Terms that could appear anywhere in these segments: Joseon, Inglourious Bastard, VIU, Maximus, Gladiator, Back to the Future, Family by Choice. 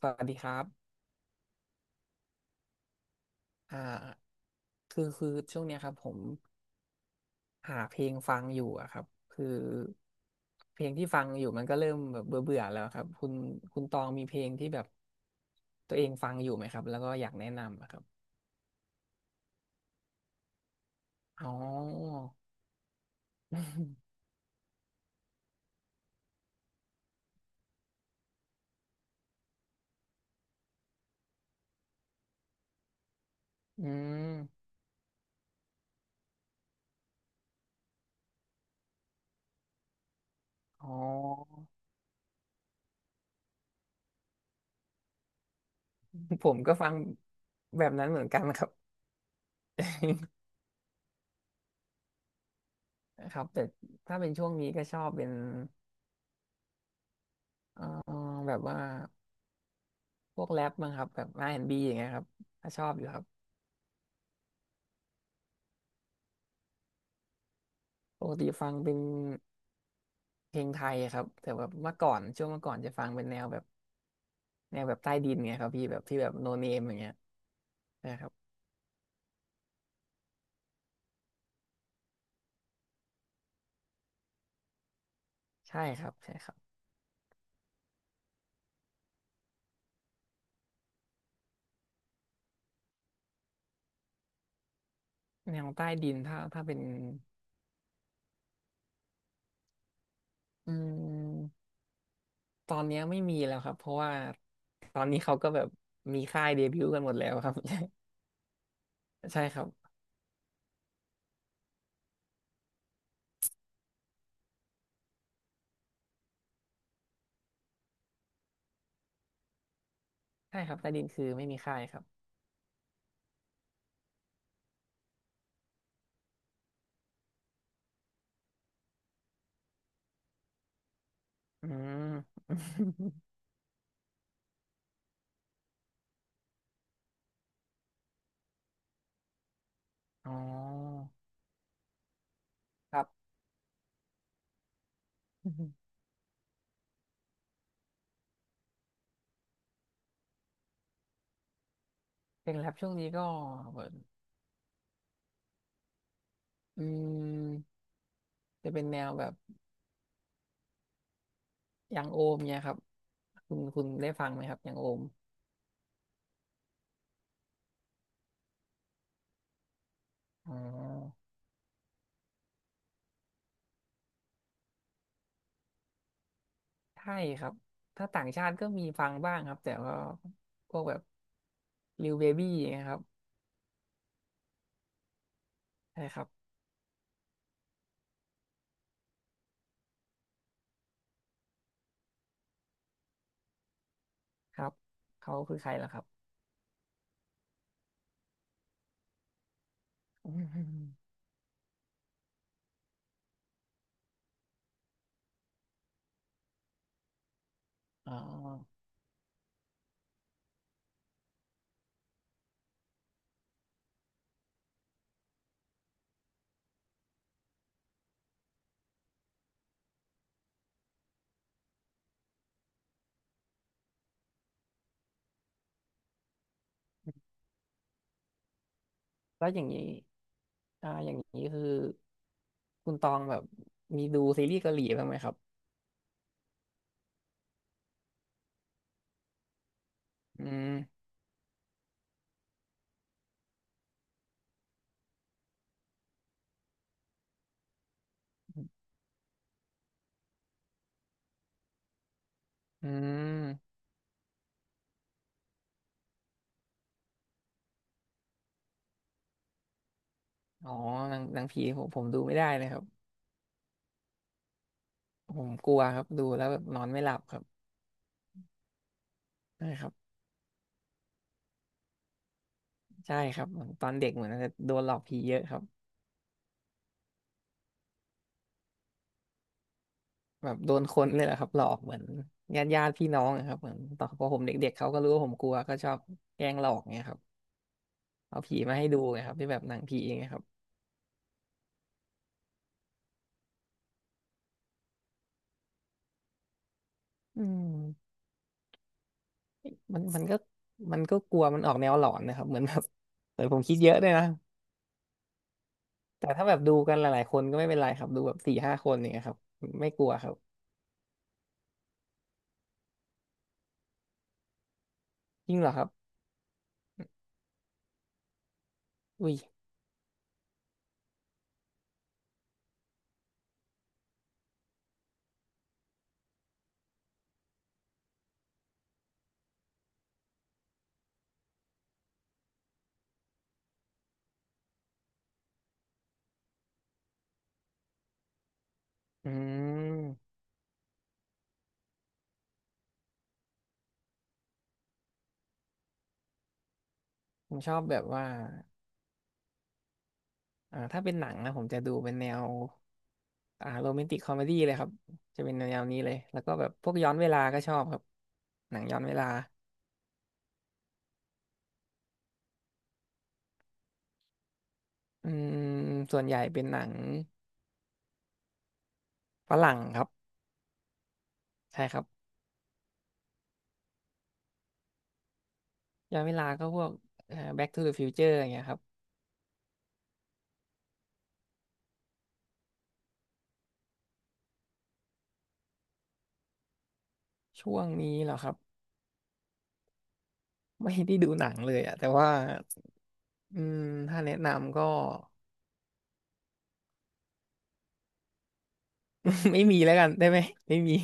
สวัสดีครับอ่าคือช่วงเนี้ยครับผมหาเพลงฟังอยู่อะครับคือเพลงที่ฟังอยู่มันก็เริ่มแบบเบื่อเบื่อแล้วครับคุณคุณตองมีเพลงที่แบบตัวเองฟังอยู่ไหมครับแล้วก็อยากแนะนำอะครับอ๋อ อืมอ๋อผมก็ฟังแบบนั้นเหมือนกันครับ ครับแต่ถ้าเป็นช่วงนี้ก็ชอบเป็นเอ่อแบบว่าพวกแรปมั้งครับแบบ R&B อนด์บีอย่างเงี้ยครับก็ชอบอยู่ครับ ปกติฟังเป็นเพลงไทยอะครับแต่แบบเมื่อก่อนช่วงเมื่อก่อนจะฟังเป็นแนวแบบแนวแบบใต้ดินไงครับพี่แบบที่แบบโนเนมอย่างเงี้ยนะครับใช่ครับใช่ครับแนวใต้ดินถ้าเป็นอืมตอนเนี้ยไม่มีแล้วครับเพราะว่าตอนนี้เขาก็แบบมีค่ายเดบิวต์กันหมดแล้วครับ ใช่ครับใช่ครับใต้ดินคือไม่มีค่ายครับอืม อ๋อครับ เพลงแรปช่วงนี้ก็เืออืมจะเป็นแนวแบบ อย่างโอมเนี่ยครับคุณได้ฟังไหมครับอย่างโอมอ๋อใช่ครับถ้าต่างชาติก็มีฟังบ้างครับแต่ว่าพวกแบบลิวเบบี้นะครับใช่ครับครับเขาคือใครล่ะครับอืมอ๋อแล้วอย่างนี้อย่างนี้คือคุณตองแบบมีดูซีรีส์เกาหลีบ้างไหมครับอืมอืมอ๋อหนังผีผมดูไม่ได้เลยครับผมกลัวครับดูแล้วแบบนอนไม่หลับครับใช่ครับ ใช่ครับเหมือนตอนเด็กเหมือนจะโดนหลอกผีเยอะครับแบบโดนคนเลยแหละครับหลอกเหมือนญาติพี่น้องอะครับเหมือนตอนพอผมเด็กๆเขาก็รู้ว่าผมกลัวก็ชอบแกล้งหลอกเงี้ยครับเอาผีมาให้ดูไงครับที่แบบหนังผีอย่างเงี้ยครับอืมมันก็มันก็กลัวมันออกแนวหลอนนะครับเหมือนแบบเหมือนผมคิดเยอะด้วยนะแต่ถ้าแบบดูกันหลายๆคนก็ไม่เป็นไรครับดูแบบสี่ห้าคนอย่างเงี้ยครับไม่กลัวครับจริงเหรอครับอุ้ยอืมผมชอบแบบว่าถ้าเป็นหนังนะผมจะดูเป็นแนว โรแมนติกคอมเมดี้เลยครับจะเป็นแนวนี้เลยแล้วก็แบบพวกย้อนเวลาก็ชอบครับหนังย้อนเวลาอืมส่วนใหญ่เป็นหนังฝรั่งครับใช่ครับย้อนเวลาก็พวกBack to the Future อย่างเงี้ยครับช่วงนี้เหรอครับไม่ได้ดูหนังเลยอะแต่ว่าอืมถ้าแนะนำก็ ไม่มีแล้วกันได้ไหมไม่มี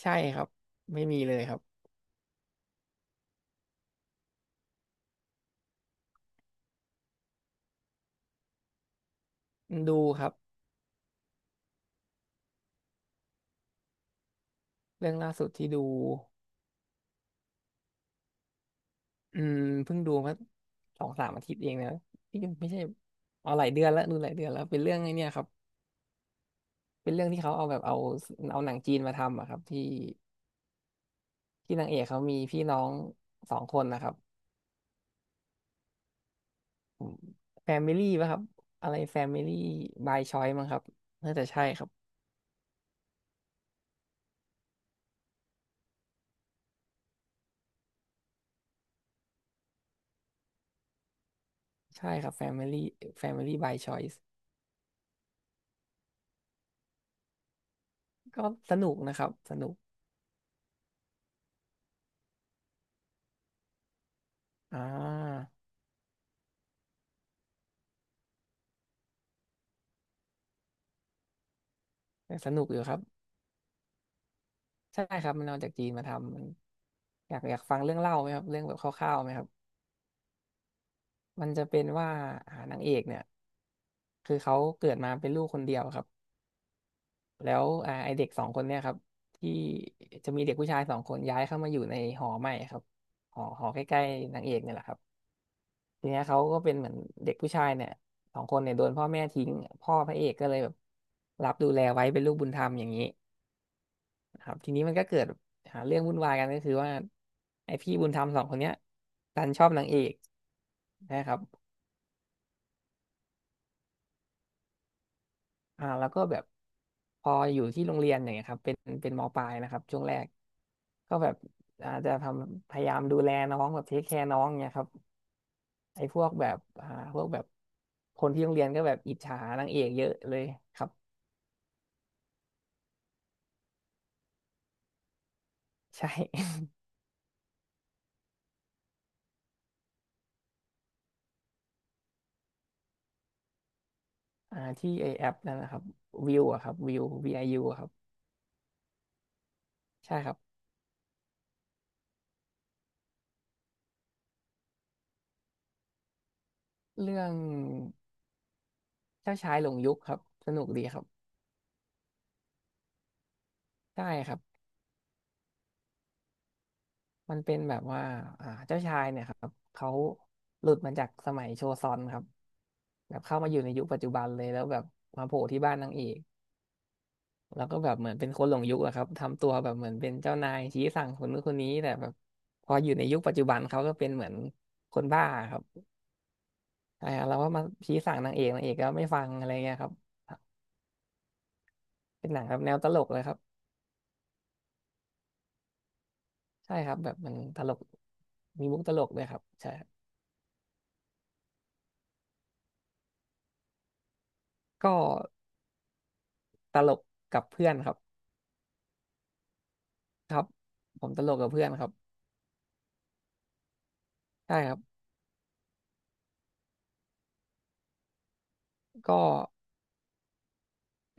ใช่ครับไม่มีเลยครับดูครับเรื่องล่าสุดที่ดู อืมเพิ่งดูมาสองสามอาทิตย์เองนะนี่ไม่ใช่เอาหลายเดือนแล้วดูหลายเดือนแล้วเป็นเรื่องไอ้เนี่ยครับเป็นเรื่องที่เขาเอาเอาหนังจีนมาทำอะครับที่นางเอกเขามีพี่น้องสองคนนะครับแฟมิลี่ป่ะครับอะไรแฟมิลี่บายชอยมั้งครับน่าจะใช่ครับใช่ครับแฟมิลี่แฟมิลี่บายชอยส์ก็สนุกนะครับสนุกอ่าแต่สนุกอยู่ครับใช่ครับมันเอาจากจีนมาทำมันอยากฟังเรื่องเล่าไหมครับเรื่องแบบคร่าวๆไหมครับ มันจะเป็นว่านางเอกเนี่ยคือเขาเกิดมาเป็นลูกคนเดียวครับแล้วไอเด็กสองคนเนี่ยครับที่จะมีเด็กผู้ชายสองคนย้ายเข้ามาอยู่ในหอใหม่ครับหอใกล้ๆนางเอกเนี่ยแหละครับทีเนี้ยเขาก็เป็นเหมือนเด็กผู้ชายเนี่ยสองคนเนี่ยโดนพ่อแม่ทิ้งพ่อพระเอกก็เลยแบบรับดูแลไว้เป็นลูกบุญธรรมอย่างนี้นะครับทีนี้มันก็เกิดหาเรื่องวุ่นวายกันก็คือว่าไอพี่บุญธรรมสองคนเนี้ยดันชอบนางเอกนะครับ แล้วก็แบบพออยู่ที่โรงเรียนอย่างเงี้ยครับเป็นเป็นมปลายนะครับช่วงแรกก็แบบอาจจะทำพยายามดูแลน้องแบบเทคแคร์น้องเนี่ยครับไอ้พวกแบบพวกแบบคนที่โรงเรียนก็แบบอิจฉานางเอกเยอะเลยครับ ใช่ ที่ไอแอปนั่นนะครับวิวอะครับวิว VIU อยูอะครับใช่ครับเรื่องเจ้าชายหลงยุคครับสนุกดีครับใช่ครับ มันเป็นแบบว่าเจ้าชายเนี่ยครับ เขาหลุดมาจากสมัยโชซอนครับแบบเข้ามาอยู่ในยุคปัจจุบันเลยแล้วแบบมาโผล่ที่บ้านนางเอกแล้วก็แบบเหมือนเป็นคนหลงยุคอะครับทำตัวแบบเหมือนเป็นเจ้านายชี้สั่งคนนู้นคนนี้แต่แบบพออยู่ในยุคปัจจุบัน เขาก็เป็นเหมือนคนบ้าครับเราก็มาชี้สั่งนางเอกนางเอกก็ไม่ฟังอะไรเงี้ยครับเป็นหนังแบบแนวตลกเลยครับ ใช่ครับแบบมันตลกมีมุกตลกด้วยครับใช่ครับก็ตลกกับเพื่อนครับ ครับผมตลกกับเพื่อนครับใช่ครับก็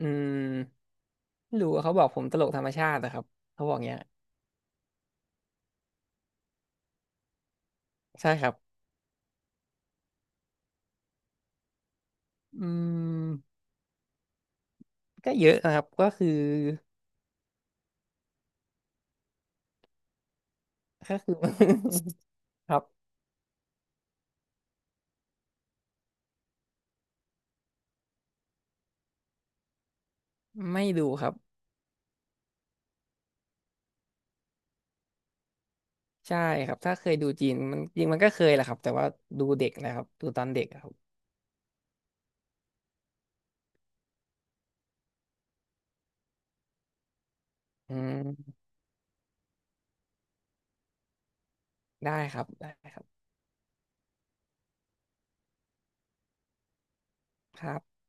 อืมไม่รู้อะเขาบอกผมตลกธรรมชาตินะครับเขาบอกเงี้ยใช่ครับอืมก็เยอะนะครับก็คือ ครับไม่ดูครับใช่ครับถ้าเคยดูจีนมันจริงมันก็เคยแหละครับแต่ว่าดูเด็กนะครับดูตอนเด็กอะครับอืมได้ครับได้ครับครับ